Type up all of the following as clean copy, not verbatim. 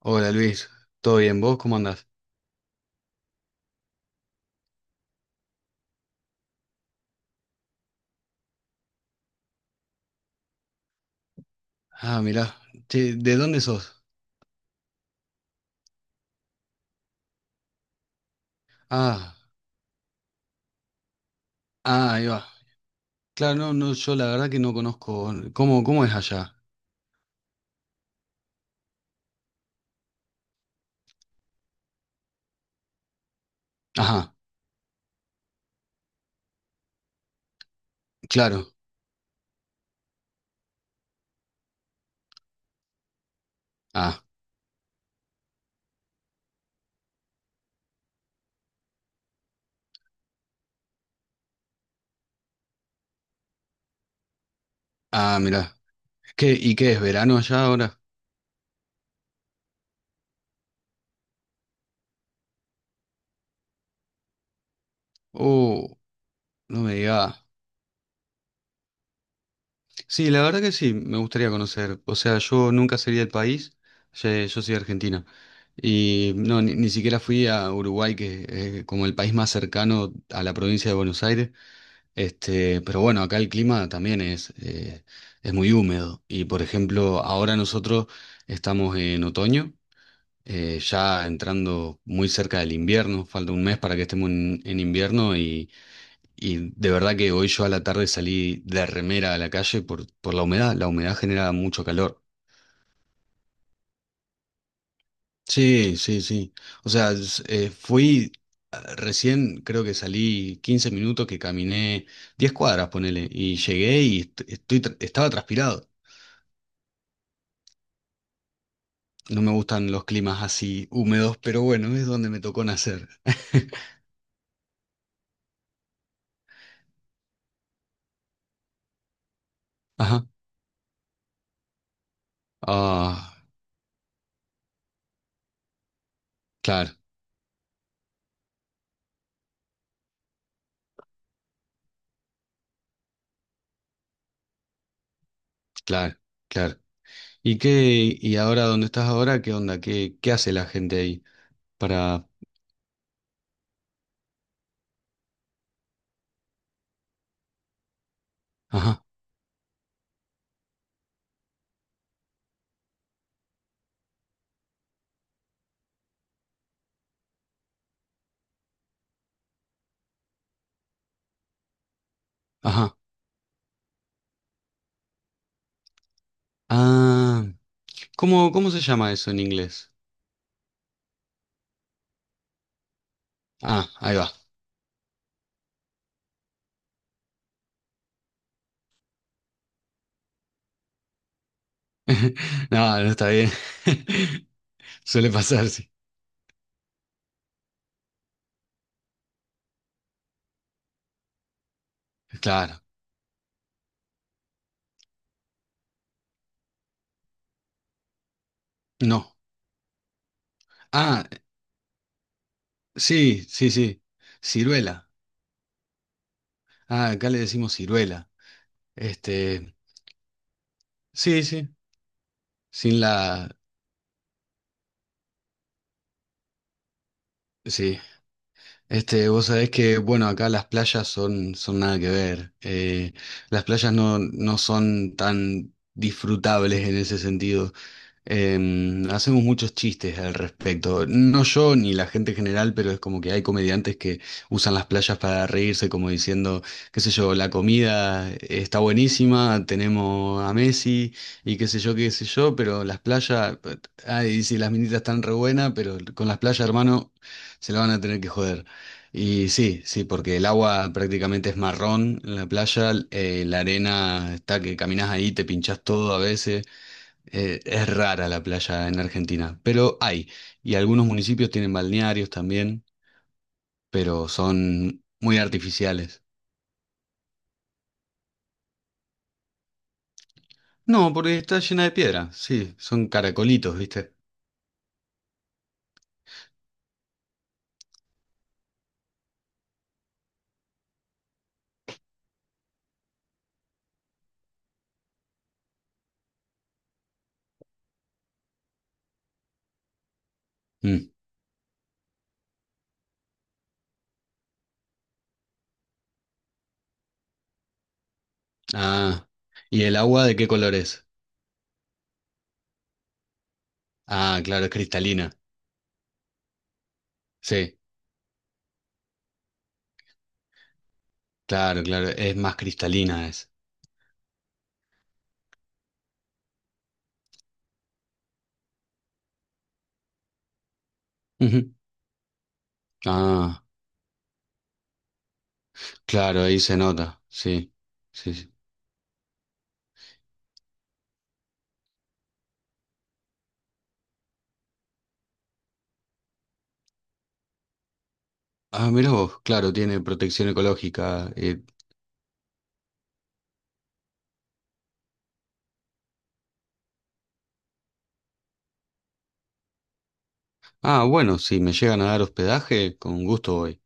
Hola Luis, ¿todo bien? ¿Vos cómo andás? Ah, mirá, che, ¿de dónde sos? Ah, ah, ahí va. Claro, no, no, yo la verdad que no conozco. ¿Cómo, cómo es allá? Ajá, claro. Ah, ah, mirá. ¿Qué, y qué es verano allá ahora? Oh, no me digas. Sí, la verdad que sí, me gustaría conocer. O sea, yo nunca salí del país, yo soy de Argentina. Y no, ni, ni siquiera fui a Uruguay, que es como el país más cercano a la provincia de Buenos Aires. Este, pero bueno, acá el clima también es muy húmedo. Y por ejemplo, ahora nosotros estamos en otoño, ya entrando muy cerca del invierno, falta un mes para que estemos en invierno y de verdad que hoy yo a la tarde salí de remera a la calle por la humedad. La humedad genera mucho calor. Sí, sí, sí. O sea, fui ah, recién, creo que salí 15 minutos, que caminé 10 cuadras, ponele, y llegué y estoy, estaba transpirado. No me gustan los climas así húmedos, pero bueno, es donde me tocó nacer. Ajá. Ah, claro, claro, claro. ¿Y qué, y ahora dónde estás ahora? ¿Qué onda? ¿Qué, qué hace la gente ahí para... Ajá, ajá. Ah, ¿cómo, cómo se llama eso en inglés? Ah, ahí va. No, no está bien. Suele pasar, sí. Claro. No. Ah, sí, sí, sí. Ciruela. Ah, acá le decimos ciruela. Este, sí, sí. Sin la, sí. Este, vos sabés que, bueno, acá las playas son, son nada que ver. Las playas no, no son tan disfrutables en ese sentido. Em, hacemos muchos chistes al respecto. No yo ni la gente en general, pero es como que hay comediantes que usan las playas para reírse, como diciendo, qué sé yo, la comida está buenísima, tenemos a Messi y qué sé yo, pero las playas, ay, sí, las minitas están re buenas, pero con las playas, hermano, se la van a tener que joder. Y sí, sí, porque el agua prácticamente es marrón en la playa, la arena está que caminas ahí, te pinchás todo a veces. Es rara la playa en Argentina, pero hay. Y algunos municipios tienen balnearios también, pero son muy artificiales. No, porque está llena de piedra. Sí, son caracolitos, ¿viste? Mm. Ah, ¿y el agua de qué color es? Ah, claro, es cristalina. Sí, claro, claro, es más cristalina es. Ujú. Ah, claro, ahí se nota. Sí, sí, sí. Ah, mirá vos, claro, tiene protección ecológica. Eh. Ah, bueno, si me llegan a dar hospedaje, con gusto voy.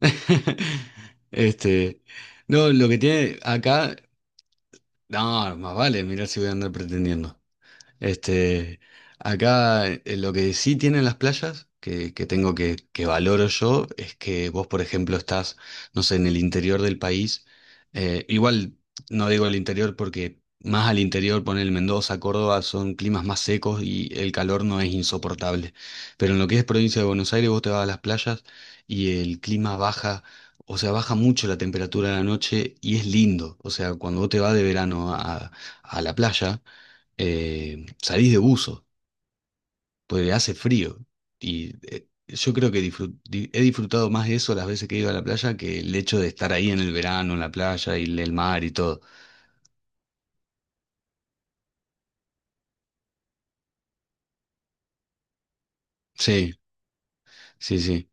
Este, no, lo que tiene acá, no, más vale, mirá si voy a andar pretendiendo. Este, acá lo que sí tienen las playas, que tengo que valoro yo, es que vos, por ejemplo, estás, no sé, en el interior del país. Igual no digo el interior porque más al interior, poner Mendoza, Córdoba, son climas más secos y el calor no es insoportable. Pero en lo que es provincia de Buenos Aires, vos te vas a las playas y el clima baja. O sea, baja mucho la temperatura de la noche y es lindo. O sea, cuando vos te vas de verano a la playa, salís de buzo, porque hace frío. Y yo creo que he disfrutado más eso las veces que he ido a la playa que el hecho de estar ahí en el verano, en la playa y el mar y todo. Sí, sí, sí.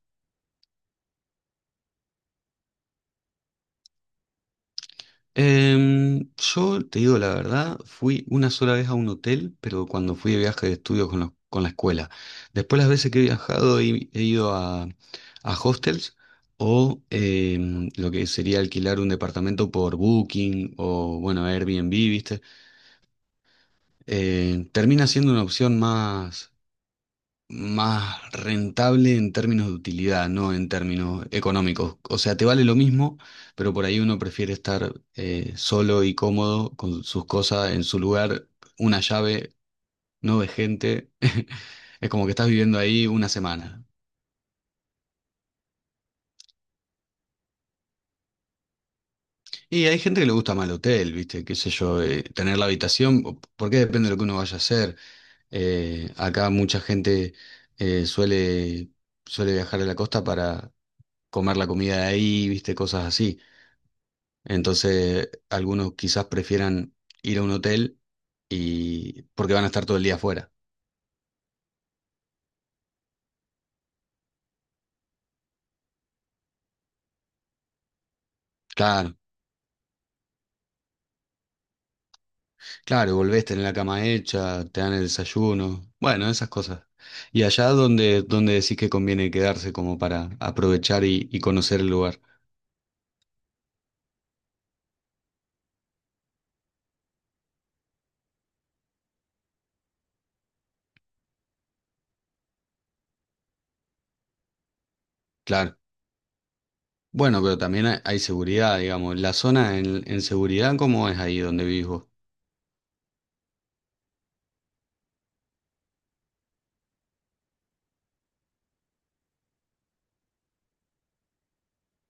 Em, yo te digo la verdad, fui una sola vez a un hotel, pero cuando fui de viaje de estudios con, con la escuela. Después las veces que he viajado he, he ido a hostels o em, lo que sería alquilar un departamento por Booking o bueno, Airbnb, ¿viste? Termina siendo una opción más, más rentable en términos de utilidad, no en términos económicos. O sea, te vale lo mismo, pero por ahí uno prefiere estar solo y cómodo con sus cosas en su lugar, una llave, no de gente. Es como que estás viviendo ahí una semana. Y hay gente que le gusta más el hotel, ¿viste? Qué sé yo, tener la habitación, o- porque depende de lo que uno vaya a hacer. Acá mucha gente eh, suele, suele viajar a la costa para comer la comida de ahí, viste, cosas así. Entonces, algunos quizás prefieran ir a un hotel y porque van a estar todo el día afuera. Claro, claro, volvés, tenés la cama hecha, te dan el desayuno, bueno, esas cosas. ¿Y allá donde, donde decís que conviene quedarse como para aprovechar y conocer el lugar? Claro. Bueno, pero también hay seguridad, digamos. ¿La zona en seguridad cómo es ahí donde vivís vos?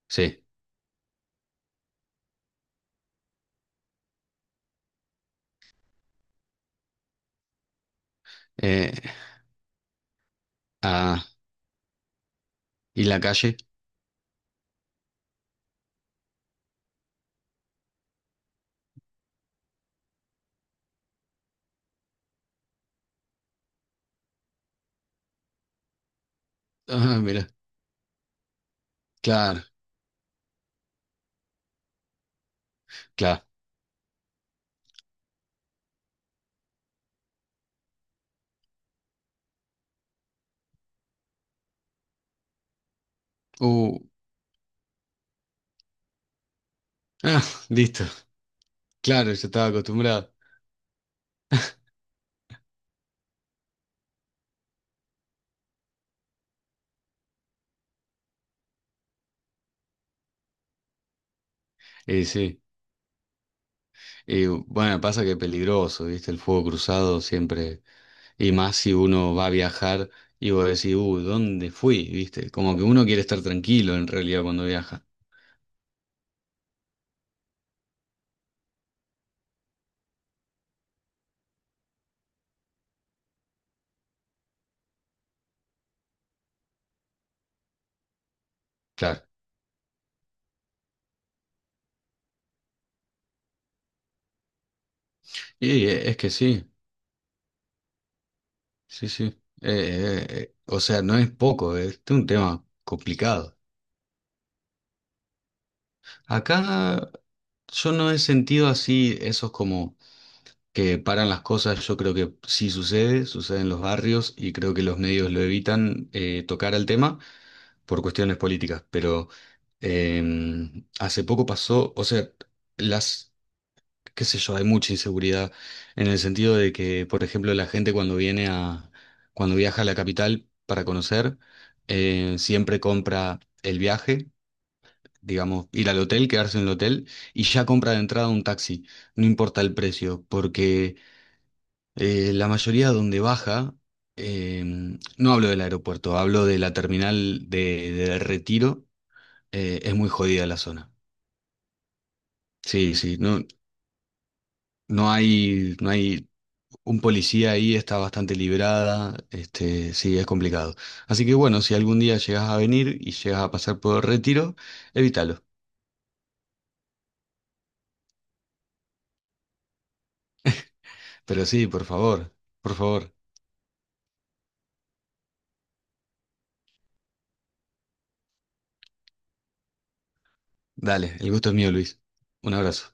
Sí. Eh, ah, ¿y la calle? Ah, mira, claro. Claro, uh, ah, listo. Claro, yo estaba acostumbrado. Y sí. Y bueno, pasa que es peligroso, ¿viste? El fuego cruzado siempre. Y más si uno va a viajar y vos decís, ¿dónde fui? ¿Viste? Como que uno quiere estar tranquilo en realidad cuando viaja. Claro. Y es que sí, sí, sí. O sea, no es poco, este es un tema complicado. Acá yo no he sentido así esos como que paran las cosas, yo creo que sí sucede, sucede en los barrios y creo que los medios lo evitan tocar al tema por cuestiones políticas, pero eh, hace poco pasó, o sea, las, qué sé yo, hay mucha inseguridad en el sentido de que, por ejemplo, la gente cuando viene a, cuando viaja a la capital para conocer, siempre compra el viaje. Digamos, ir al hotel, quedarse en el hotel y ya compra de entrada un taxi, no importa el precio, porque la mayoría donde baja, em, no hablo del aeropuerto, hablo de la terminal de Retiro, es muy jodida la zona. Sí, sí, no, no hay, no hay un policía ahí, está bastante librada, este, sí, es complicado. Así que bueno, si algún día llegas a venir y llegas a pasar por Retiro, evítalo. Pero sí, por favor, dale, el gusto es mío, Luis. Un abrazo.